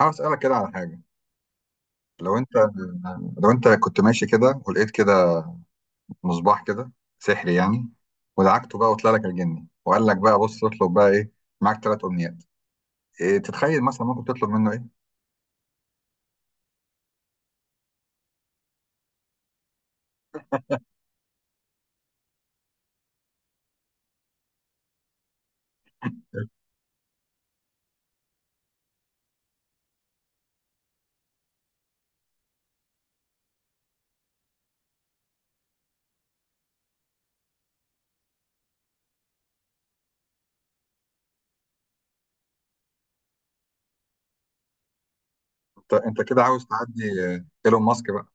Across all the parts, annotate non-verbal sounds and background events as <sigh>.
عاوز اسالك كده على حاجه. لو انت لو انت كنت ماشي كده ولقيت كده مصباح كده سحري يعني، ودعكته بقى وطلع لك الجني وقال لك بقى بص اطلب بقى ايه، معاك ثلاث امنيات. إيه تتخيل مثلا ممكن تطلب منه ايه؟ انت كده عاوز تعدي ايلون ماسك بقى.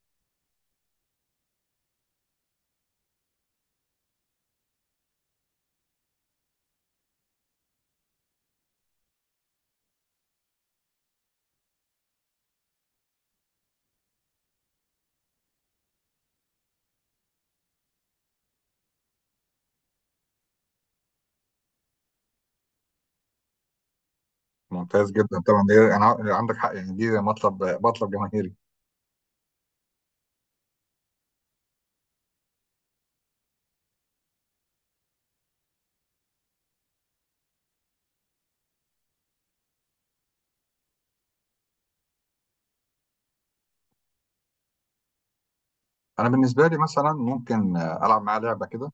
ممتاز جدا طبعا، دي انا عندك حق يعني، دي مطلب، مطلب جماهيري. انا بالنسبه لي مثلا ممكن العب معاه لعبه كده،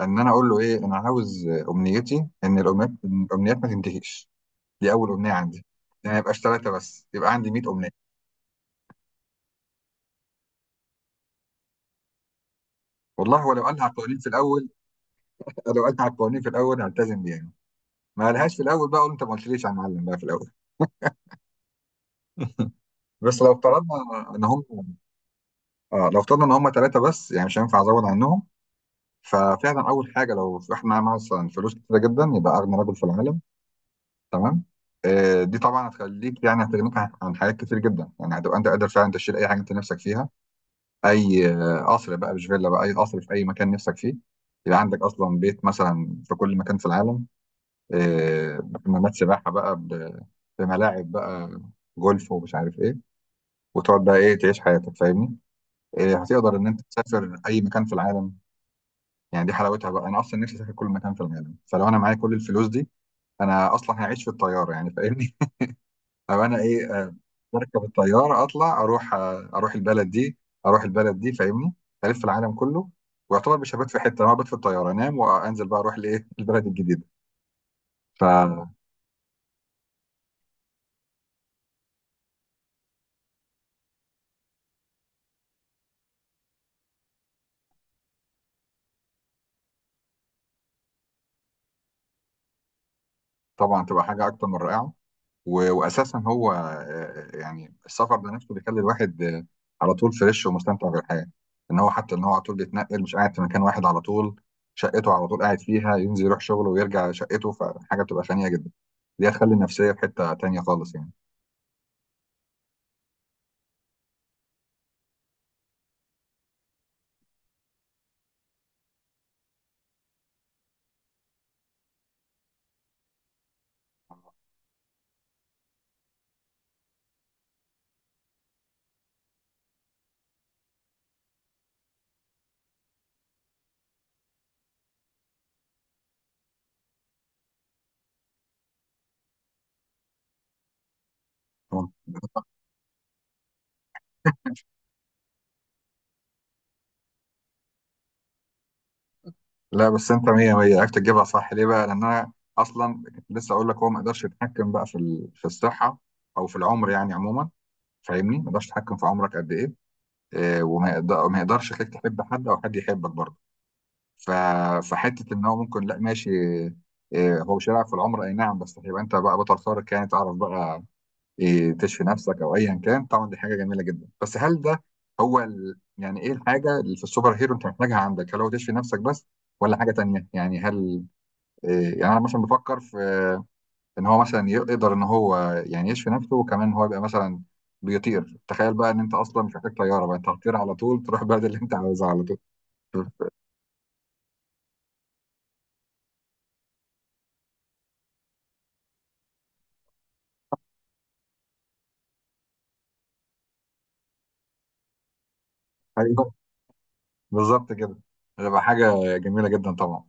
ان انا اقول له ايه، انا عاوز امنيتي ان الامنيات ما تنتهيش. دي اول امنيه عندي، يعني ما يبقاش ثلاثه بس، يبقى عندي 100 امنيه. والله ولو قالها على القوانين في الاول. لو قالها على القوانين في الاول هلتزم بيها. ما قالهاش في الاول، بقى اقول انت ما قلتليش يا معلم بقى في الاول. بس لو افترضنا ان هم اه لو افترضنا ان هم ثلاثه بس، يعني مش هينفع ازود عنهم. ففعلا اول حاجه، لو احنا معانا مثلا فلوس كتيره جدا، يبقى اغنى رجل في العالم. تمام. دي طبعا هتخليك، يعني هتغنيك عن حاجات كتير جدا، يعني هتبقى انت قادر فعلا تشيل اي حاجه انت نفسك فيها. اي قصر بقى، مش فيلا بقى، اي قصر في اي مكان نفسك فيه. يبقى عندك اصلا بيت مثلا في كل مكان في العالم، بحمامات سباحه بقى، بملاعب بقى جولف ومش عارف ايه. وتقعد بقى ايه، تعيش حياتك فاهمني. هتقدر ان انت تسافر اي مكان في العالم، يعني دي حلاوتها بقى. انا اصلا نفسي اسافر كل مكان في العالم، فلو انا معايا كل الفلوس دي، انا اصلا هعيش في الطياره يعني فاهمني. او انا ايه، بركب الطياره اطلع اروح، اروح البلد دي فاهمني، الف العالم كله. ويعتبر مش هبات في حته، انا هبات في الطياره انام، وانزل بقى اروح لايه <laughs> البلد الجديده. فطبعا تبقى حاجه اكتر من رائعه. واساسا هو يعني السفر ده نفسه بيخلي الواحد على طول فريش ومستمتع بالحياه، ان هو حتى ان هو على طول بيتنقل، مش قاعد في مكان واحد على طول. شقته على طول قاعد فيها ينزل يروح شغله ويرجع شقته، فحاجه بتبقى غنيه جدا، دي هتخلي النفسيه في حته تانيه خالص يعني. لا بس انت مية مية عرفت تجيبها صح. ليه بقى؟ لان انا اصلا لسه اقول لك، هو ما يقدرش يتحكم بقى في في الصحه او في العمر يعني عموما. فاهمني؟ ما يقدرش يتحكم في عمرك قد ايه، اه، وما يقدرش يخليك تحب حد او حد يحبك برضه. ف... فحته ان هو ممكن، لا ماشي، اه، هو مش هيلعب في العمر اي نعم، بس هيبقى انت بقى بطل خارق يعني. تعرف بقى تشفي نفسك او ايا كان. طبعا دي حاجه جميله جدا، بس هل ده هو يعني ايه الحاجه اللي في السوبر هيرو انت محتاجها عندك؟ هل هو تشفي نفسك بس، ولا حاجه تانيه؟ يعني هل يعني انا مثلا بفكر في ان هو مثلا يقدر ان هو يعني يشفي نفسه، وكمان ان هو يبقى مثلا بيطير. تخيل بقى ان انت اصلا مش محتاج طياره بقى، انت هتطير على طول تروح البلد <laughs> اللي انت عاوزها على طول. ايوه بالظبط كده، هتبقى حاجه جميله جدا طبعا.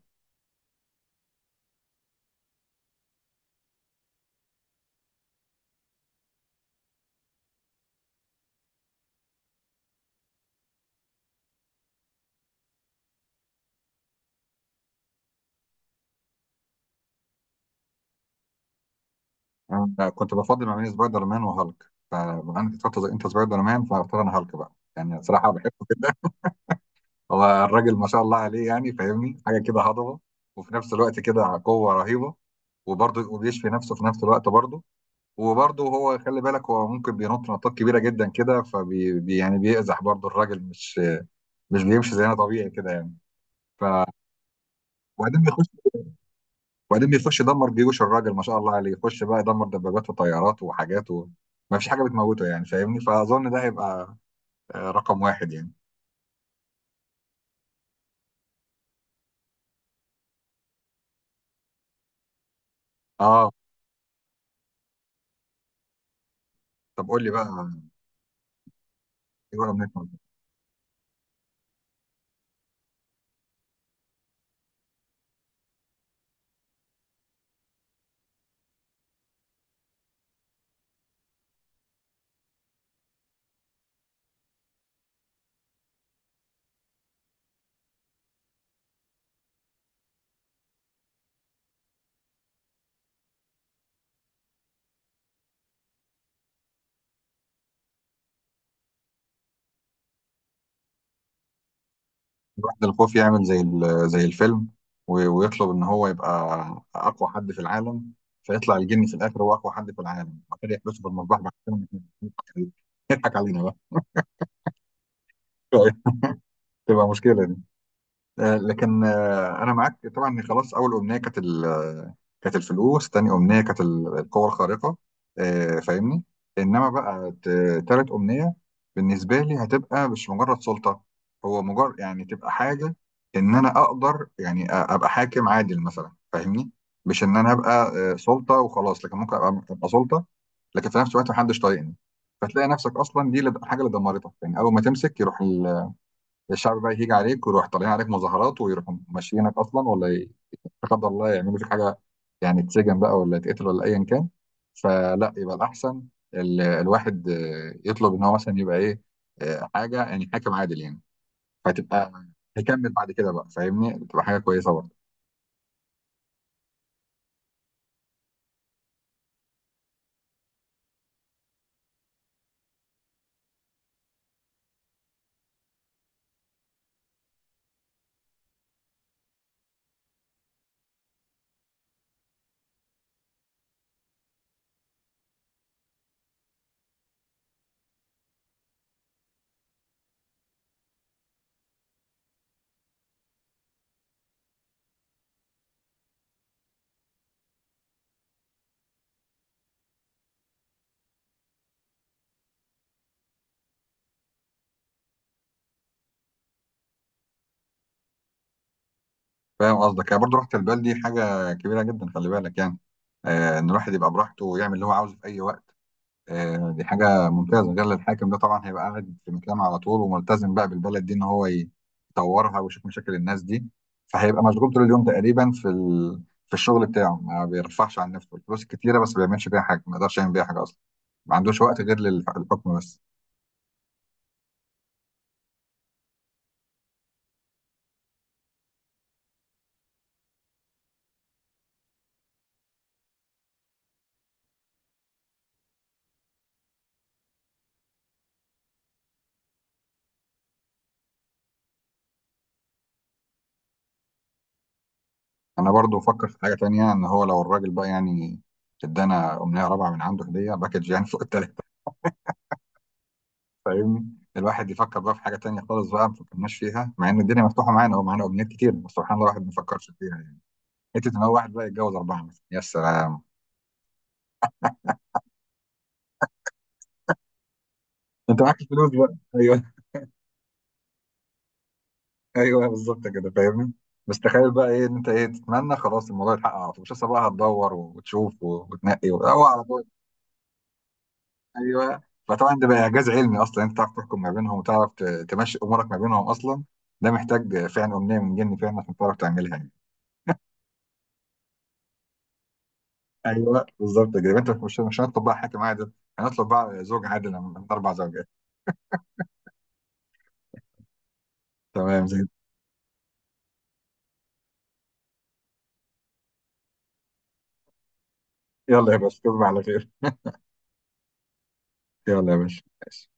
انا كنت بفضل ما بين سبايدر مان وهالك، فبما انك اخترت انت سبايدر مان، فاختار انا هالك بقى. يعني صراحه بحبه كده، هو الراجل ما شاء الله عليه يعني فاهمني، حاجه كده هضبه، وفي نفس الوقت كده قوه رهيبه، وبرضه وبيشفي نفسه في نفس الوقت برضه. وبرضه هو خلي بالك، هو ممكن بينط نطات كبيره جدا كده، يعني بيأزح برضه الراجل، مش بيمشي زينا طبيعي كده يعني. ف وبعدين بيخش وبعدين بيخش يدمر جيوش. الراجل ما شاء الله عليه يخش بقى يدمر دبابات وطيارات وحاجات و... ما فيش حاجه بتموته يعني فاهمني. فاظن ده هيبقى رقم واحد يعني. اه طب قول لي بقى. ايه ولا منك. يروح للخوف يعمل زي زي الفيلم، ويطلب ان هو يبقى اقوى حد في العالم. فيطلع الجن في الاخر هو اقوى حد في العالم، وبعد كده يحبسه في المصباح بعد كده، يضحك علينا بقى <laughs> تبقى مشكله. لكن انا معاك طبعا. خلاص، اول امنيه كانت كانت الفلوس، تاني امنيه كانت القوه الخارقه، فاهمني. انما بقى تالت امنيه بالنسبه لي هتبقى مش مجرد سلطه. هو مجرد يعني تبقى حاجه ان انا اقدر يعني ابقى حاكم عادل مثلا فاهمني. مش ان انا ابقى سلطه وخلاص، لكن ممكن أبقى سلطه، لكن في نفس الوقت محدش طايقني، فتلاقي نفسك اصلا دي الحاجه اللي دمرتك يعني. اول ما تمسك يروح الشعب بقى يهيج عليك، ويروح طالعين عليك مظاهرات، ويروحوا ماشيينك اصلا، لا قدر الله يعملوا فيك حاجه، يعني تسجن بقى ولا يتقتل ولا ايا كان. فلا، يبقى الاحسن الواحد يطلب ان هو مثلا يبقى ايه، حاجه يعني حاكم عادل يعني. فتبقى، هيكمل بعد كده بقى فاهمني، بتبقى حاجه كويسه برضه. فاهم قصدك، يعني برضه راحه البال دي حاجه كبيره جدا خلي بالك يعني. ان الواحد يبقى براحته ويعمل اللي هو عاوزه في اي وقت، دي حاجة ممتازة. غير الحاكم ده طبعا هيبقى قاعد في مكانه على طول، وملتزم بقى بالبلد دي، إن هو يطورها ويشوف مشاكل الناس دي، فهيبقى مشغول طول اليوم تقريبا في في الشغل بتاعه. ما بيرفعش عن نفسه، الفلوس كتيرة بس ما بيعملش بيها حاجة، ما يقدرش يعمل بيها حاجة أصلا، ما عندوش وقت غير للحكم بس. أنا برضو بفكر في حاجة تانية، إن هو لو الراجل بقى يعني ادانا أمنية رابعة من عنده هدية باكج يعني <laughs> فوق التلاتة فاهمني. الواحد يفكر بقى في حاجة تانية خالص بقى ما فكرناش فيها، مع إن الدنيا مفتوحة معانا، هو معانا أمنيات كتير بس سبحان الله الواحد ما فكرش فيها يعني. انت تبقى واحد بقى يتجوز اربعه مثلا يا سلام. انت معاك الفلوس بقى ايوه <laughs> ايوه بالظبط كده فاهمني. بس تخيل بقى ايه، ان انت ايه تتمنى خلاص الموضوع يتحقق على طول، مش لسه بقى هتدور وتشوف وتنقي هو على طول. ايوه. فطبعا ده بقى اعجاز علمي اصلا، انت تعرف تحكم ما بينهم، وتعرف تمشي امورك ما بينهم اصلا. ده محتاج فعلا امنيه من جن فعلا عشان تعرف تعملها يعني. ايوه بالظبط كده، يبقى انت مش هنطلب بقى حاكم عادل، هنطلب بقى زوج عادل من اربع زوجات. تمام زي. يلا يا باشا تصبح على خير. يلا يا باشا ماشي.